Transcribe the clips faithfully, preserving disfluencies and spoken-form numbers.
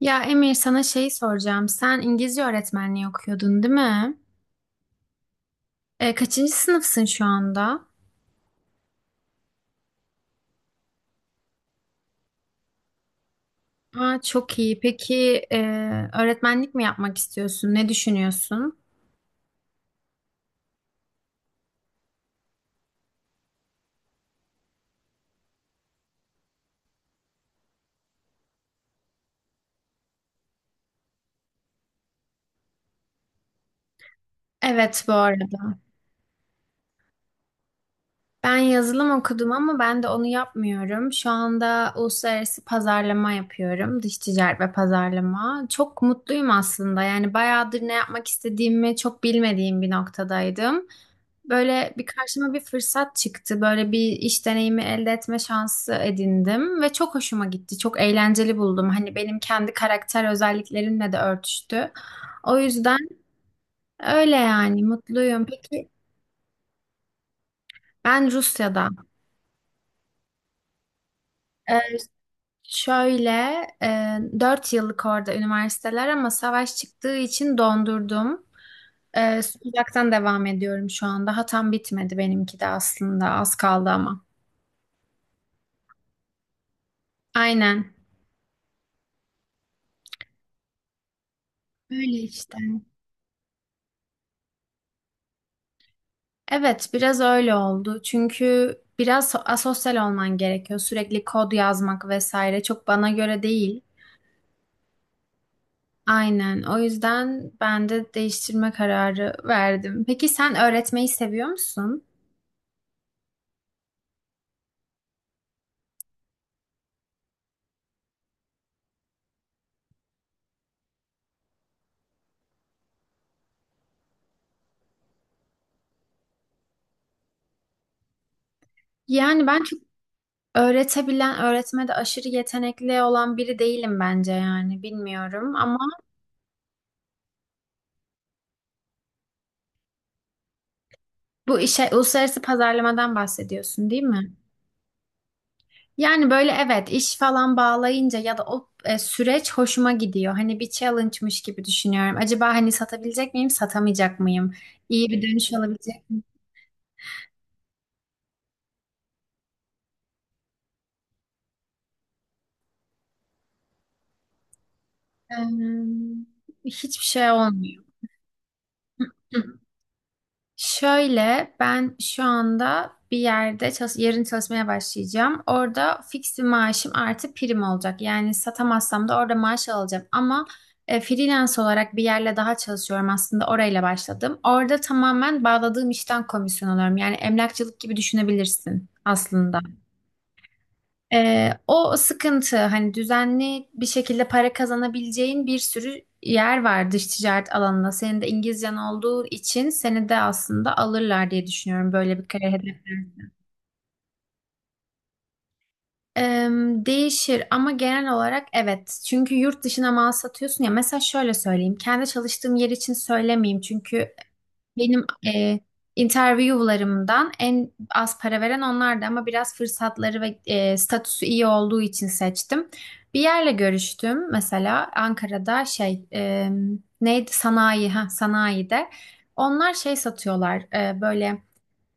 Ya Emir sana şeyi soracağım. Sen İngilizce öğretmenliği okuyordun, değil mi? E, kaçıncı sınıfsın şu anda? Aa, çok iyi. Peki e, öğretmenlik mi yapmak istiyorsun? Ne düşünüyorsun? Evet, bu arada. Ben yazılım okudum ama ben de onu yapmıyorum. Şu anda uluslararası pazarlama yapıyorum. Dış ticaret ve pazarlama. Çok mutluyum aslında. Yani bayağıdır ne yapmak istediğimi çok bilmediğim bir noktadaydım. Böyle bir karşıma bir fırsat çıktı. Böyle bir iş deneyimi elde etme şansı edindim ve çok hoşuma gitti. Çok eğlenceli buldum. Hani benim kendi karakter özelliklerimle de örtüştü. O yüzden öyle yani, mutluyum. Peki ben Rusya'da. Ee, Şöyle, e, dört yıllık orada üniversiteler ama savaş çıktığı için dondurdum. Ee, sıcaktan devam ediyorum şu anda. Daha tam bitmedi benimki de aslında. Az kaldı ama. Aynen. Öyle işte. Evet, biraz öyle oldu. Çünkü biraz so- asosyal olman gerekiyor. Sürekli kod yazmak vesaire çok bana göre değil. Aynen. O yüzden ben de değiştirme kararı verdim. Peki sen öğretmeyi seviyor musun? Yani ben çok öğretebilen, öğretmede aşırı yetenekli olan biri değilim bence, yani bilmiyorum ama bu işe, uluslararası pazarlamadan bahsediyorsun, değil mi? Yani böyle evet, iş falan bağlayınca ya da o e, süreç hoşuma gidiyor. Hani bir challenge'mış gibi düşünüyorum. Acaba hani satabilecek miyim, satamayacak mıyım? İyi bir dönüş alabilecek miyim? Ee, hiçbir şey olmuyor. Şöyle, ben şu anda bir yerde çalış yarın çalışmaya başlayacağım. Orada fix bir maaşım artı prim olacak. Yani satamazsam da orada maaş alacağım. Ama e, freelance olarak bir yerle daha çalışıyorum, aslında orayla başladım. Orada tamamen bağladığım işten komisyon alıyorum. Yani emlakçılık gibi düşünebilirsin aslında. Ee, o sıkıntı, hani düzenli bir şekilde para kazanabileceğin bir sürü yer var dış ticaret alanında. Senin de İngilizcen olduğu için seni de aslında alırlar diye düşünüyorum, böyle bir kariyer hedefleri. Ee, Değişir ama genel olarak evet. Çünkü yurt dışına mal satıyorsun ya. Mesela şöyle söyleyeyim. Kendi çalıştığım yer için söylemeyeyim. Çünkü benim e, interview'larımdan en az para veren onlardı ama biraz fırsatları ve e, statüsü iyi olduğu için seçtim. Bir yerle görüştüm mesela Ankara'da, şey e, neydi, sanayi, ha sanayide. Onlar şey satıyorlar, e, böyle.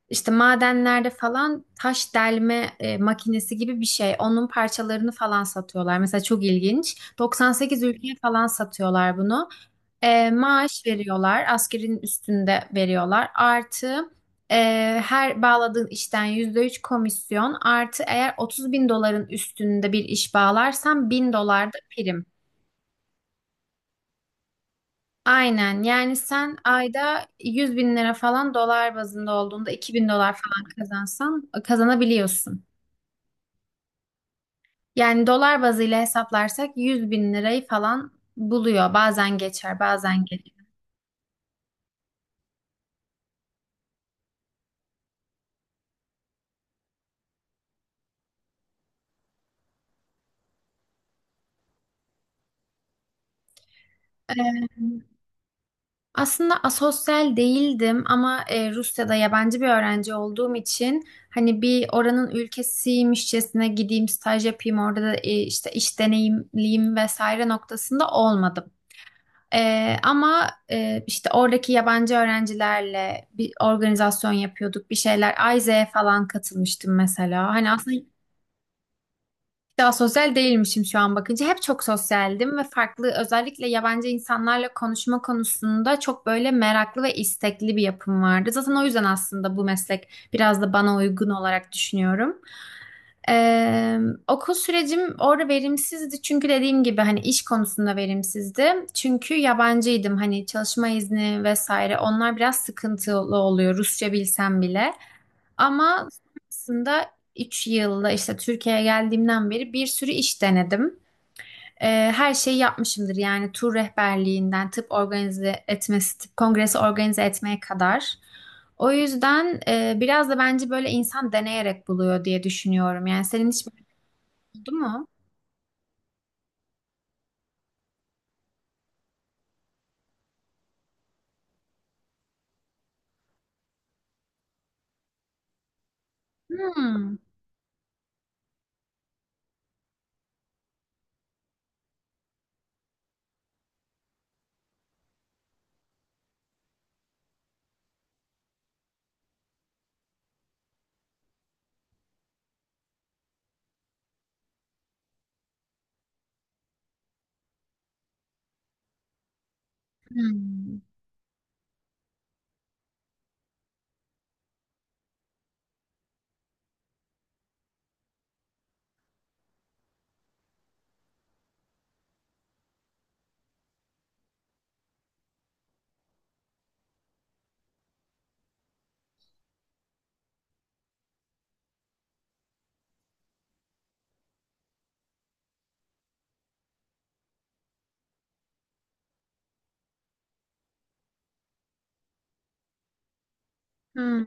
İşte madenlerde falan taş delme e, makinesi gibi bir şey. Onun parçalarını falan satıyorlar. Mesela çok ilginç. doksan sekiz ülkeye falan satıyorlar bunu. E, maaş veriyorlar. Askerin üstünde veriyorlar. Artı e, her bağladığın işten yüzde üç komisyon. Artı eğer otuz bin doların üstünde bir iş bağlarsan bin dolar da prim. Aynen, yani sen ayda yüz bin lira falan, dolar bazında olduğunda iki bin dolar falan kazansan, kazanabiliyorsun. Yani dolar bazıyla hesaplarsak yüz bin lirayı falan buluyor. Bazen geçer, bazen geliyor. Ee, Aslında asosyal değildim ama e, Rusya'da yabancı bir öğrenci olduğum için hani bir oranın ülkesiymişçesine gideyim, staj yapayım orada da e, işte iş deneyimliyim vesaire noktasında olmadı. Ee, ama e, işte oradaki yabancı öğrencilerle bir organizasyon yapıyorduk, bir şeyler. Ayze'ye falan katılmıştım mesela. Hani aslında hiç daha sosyal değilmişim şu an bakınca. Hep çok sosyaldim ve farklı, özellikle yabancı insanlarla konuşma konusunda çok böyle meraklı ve istekli bir yapım vardı. Zaten o yüzden aslında bu meslek biraz da bana uygun olarak düşünüyorum. Ee, Okul sürecim orada verimsizdi çünkü dediğim gibi hani iş konusunda verimsizdi. Çünkü yabancıydım, hani çalışma izni vesaire, onlar biraz sıkıntılı oluyor Rusça bilsem bile. Ama sonrasında üç yılda, işte Türkiye'ye geldiğimden beri bir sürü iş denedim. Ee, her şeyi yapmışımdır yani, tur rehberliğinden tıp organize etmesi, tıp kongresi organize etmeye kadar. O yüzden e, biraz da bence böyle insan deneyerek buluyor diye düşünüyorum. Yani senin hiç oldu mu? Hmm. Hmm. Hmm.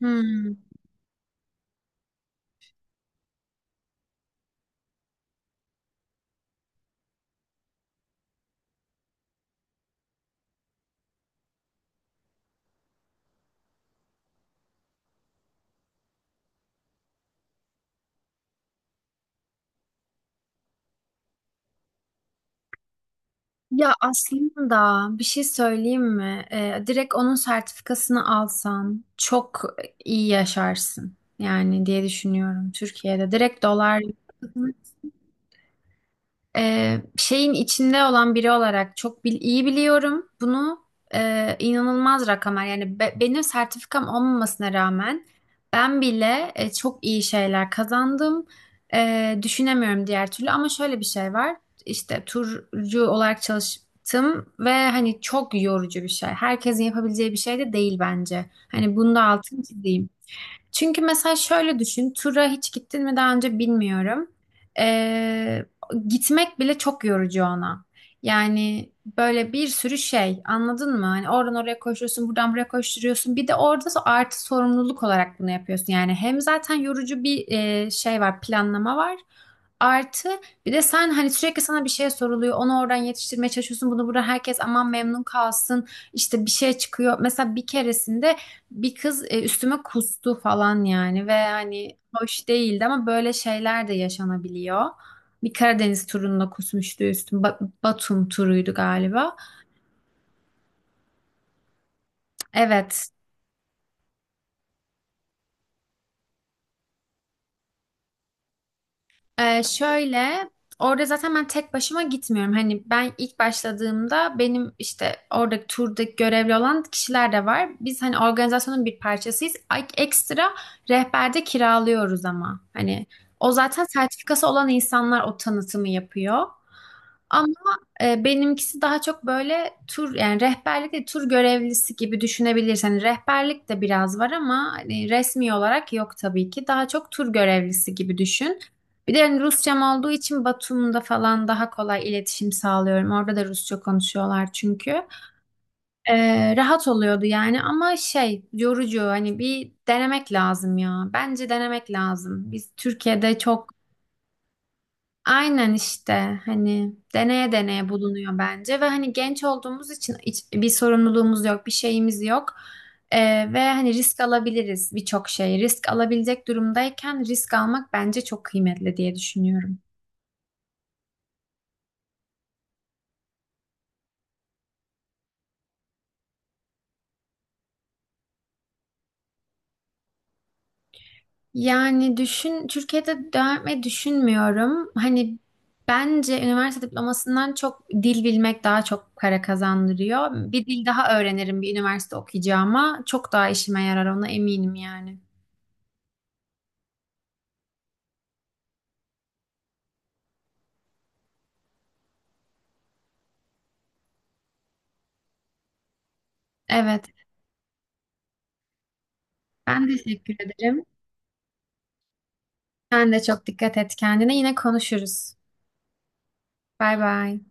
Hmm. Ya aslında bir şey söyleyeyim mi? Ee, direkt onun sertifikasını alsan çok iyi yaşarsın. Yani diye düşünüyorum Türkiye'de. Direkt dolar e, şeyin içinde olan biri olarak çok bil- iyi biliyorum. Bunu e, inanılmaz rakamlar yani, be- benim sertifikam olmamasına rağmen ben bile e, çok iyi şeyler kazandım. E, düşünemiyorum diğer türlü ama şöyle bir şey var. İşte turcu olarak çalıştım ve hani çok yorucu bir şey. Herkesin yapabileceği bir şey de değil bence. Hani bunu da altını çizeyim. Çünkü mesela şöyle düşün, tura hiç gittin mi daha önce, bilmiyorum. Ee, Gitmek bile çok yorucu ona. Yani böyle bir sürü şey, anladın mı? Hani oradan oraya koşuyorsun, buradan buraya koşturuyorsun. Bir de orada so- artı sorumluluk olarak bunu yapıyorsun. Yani hem zaten yorucu bir e, şey var, planlama var. Artı bir de sen hani sürekli sana bir şey soruluyor. Onu oradan yetiştirmeye çalışıyorsun. Bunu burada herkes aman memnun kalsın. İşte bir şey çıkıyor. Mesela bir keresinde bir kız e, üstüme kustu falan yani, ve hani hoş değildi ama böyle şeyler de yaşanabiliyor. Bir Karadeniz turunda kusmuştu üstüm. Ba- Batum turuydu galiba. Evet. E, şöyle, orada zaten ben tek başıma gitmiyorum. Hani ben ilk başladığımda, benim işte oradaki turdaki görevli olan kişiler de var. Biz hani organizasyonun bir parçasıyız. Ay- Ekstra rehberde kiralıyoruz ama. Hani o zaten sertifikası olan insanlar o tanıtımı yapıyor. Ama e, benimkisi daha çok böyle tur, yani rehberlik de tur görevlisi gibi düşünebilirsin. Hani rehberlik de biraz var ama hani resmi olarak yok tabii ki. Daha çok tur görevlisi gibi düşün. Bir de hani Rusçam olduğu için Batum'da falan daha kolay iletişim sağlıyorum. Orada da Rusça konuşuyorlar çünkü. E, rahat oluyordu yani, ama şey yorucu, hani bir denemek lazım ya. Bence denemek lazım. Biz Türkiye'de çok. Aynen işte, hani deneye deneye bulunuyor bence, ve hani genç olduğumuz için hiç bir sorumluluğumuz yok, bir şeyimiz yok. Ee, ve hani risk alabiliriz birçok şey. Risk alabilecek durumdayken risk almak bence çok kıymetli diye düşünüyorum. Yani düşün, Türkiye'de devam etmeyi düşünmüyorum. Hani bence üniversite diplomasından çok dil bilmek daha çok para kazandırıyor. Bir dil daha öğrenirim bir üniversite okuyacağıma. Çok daha işime yarar, ona eminim yani. Evet. Ben teşekkür ederim. Sen de çok dikkat et kendine. Yine konuşuruz. Bay bay.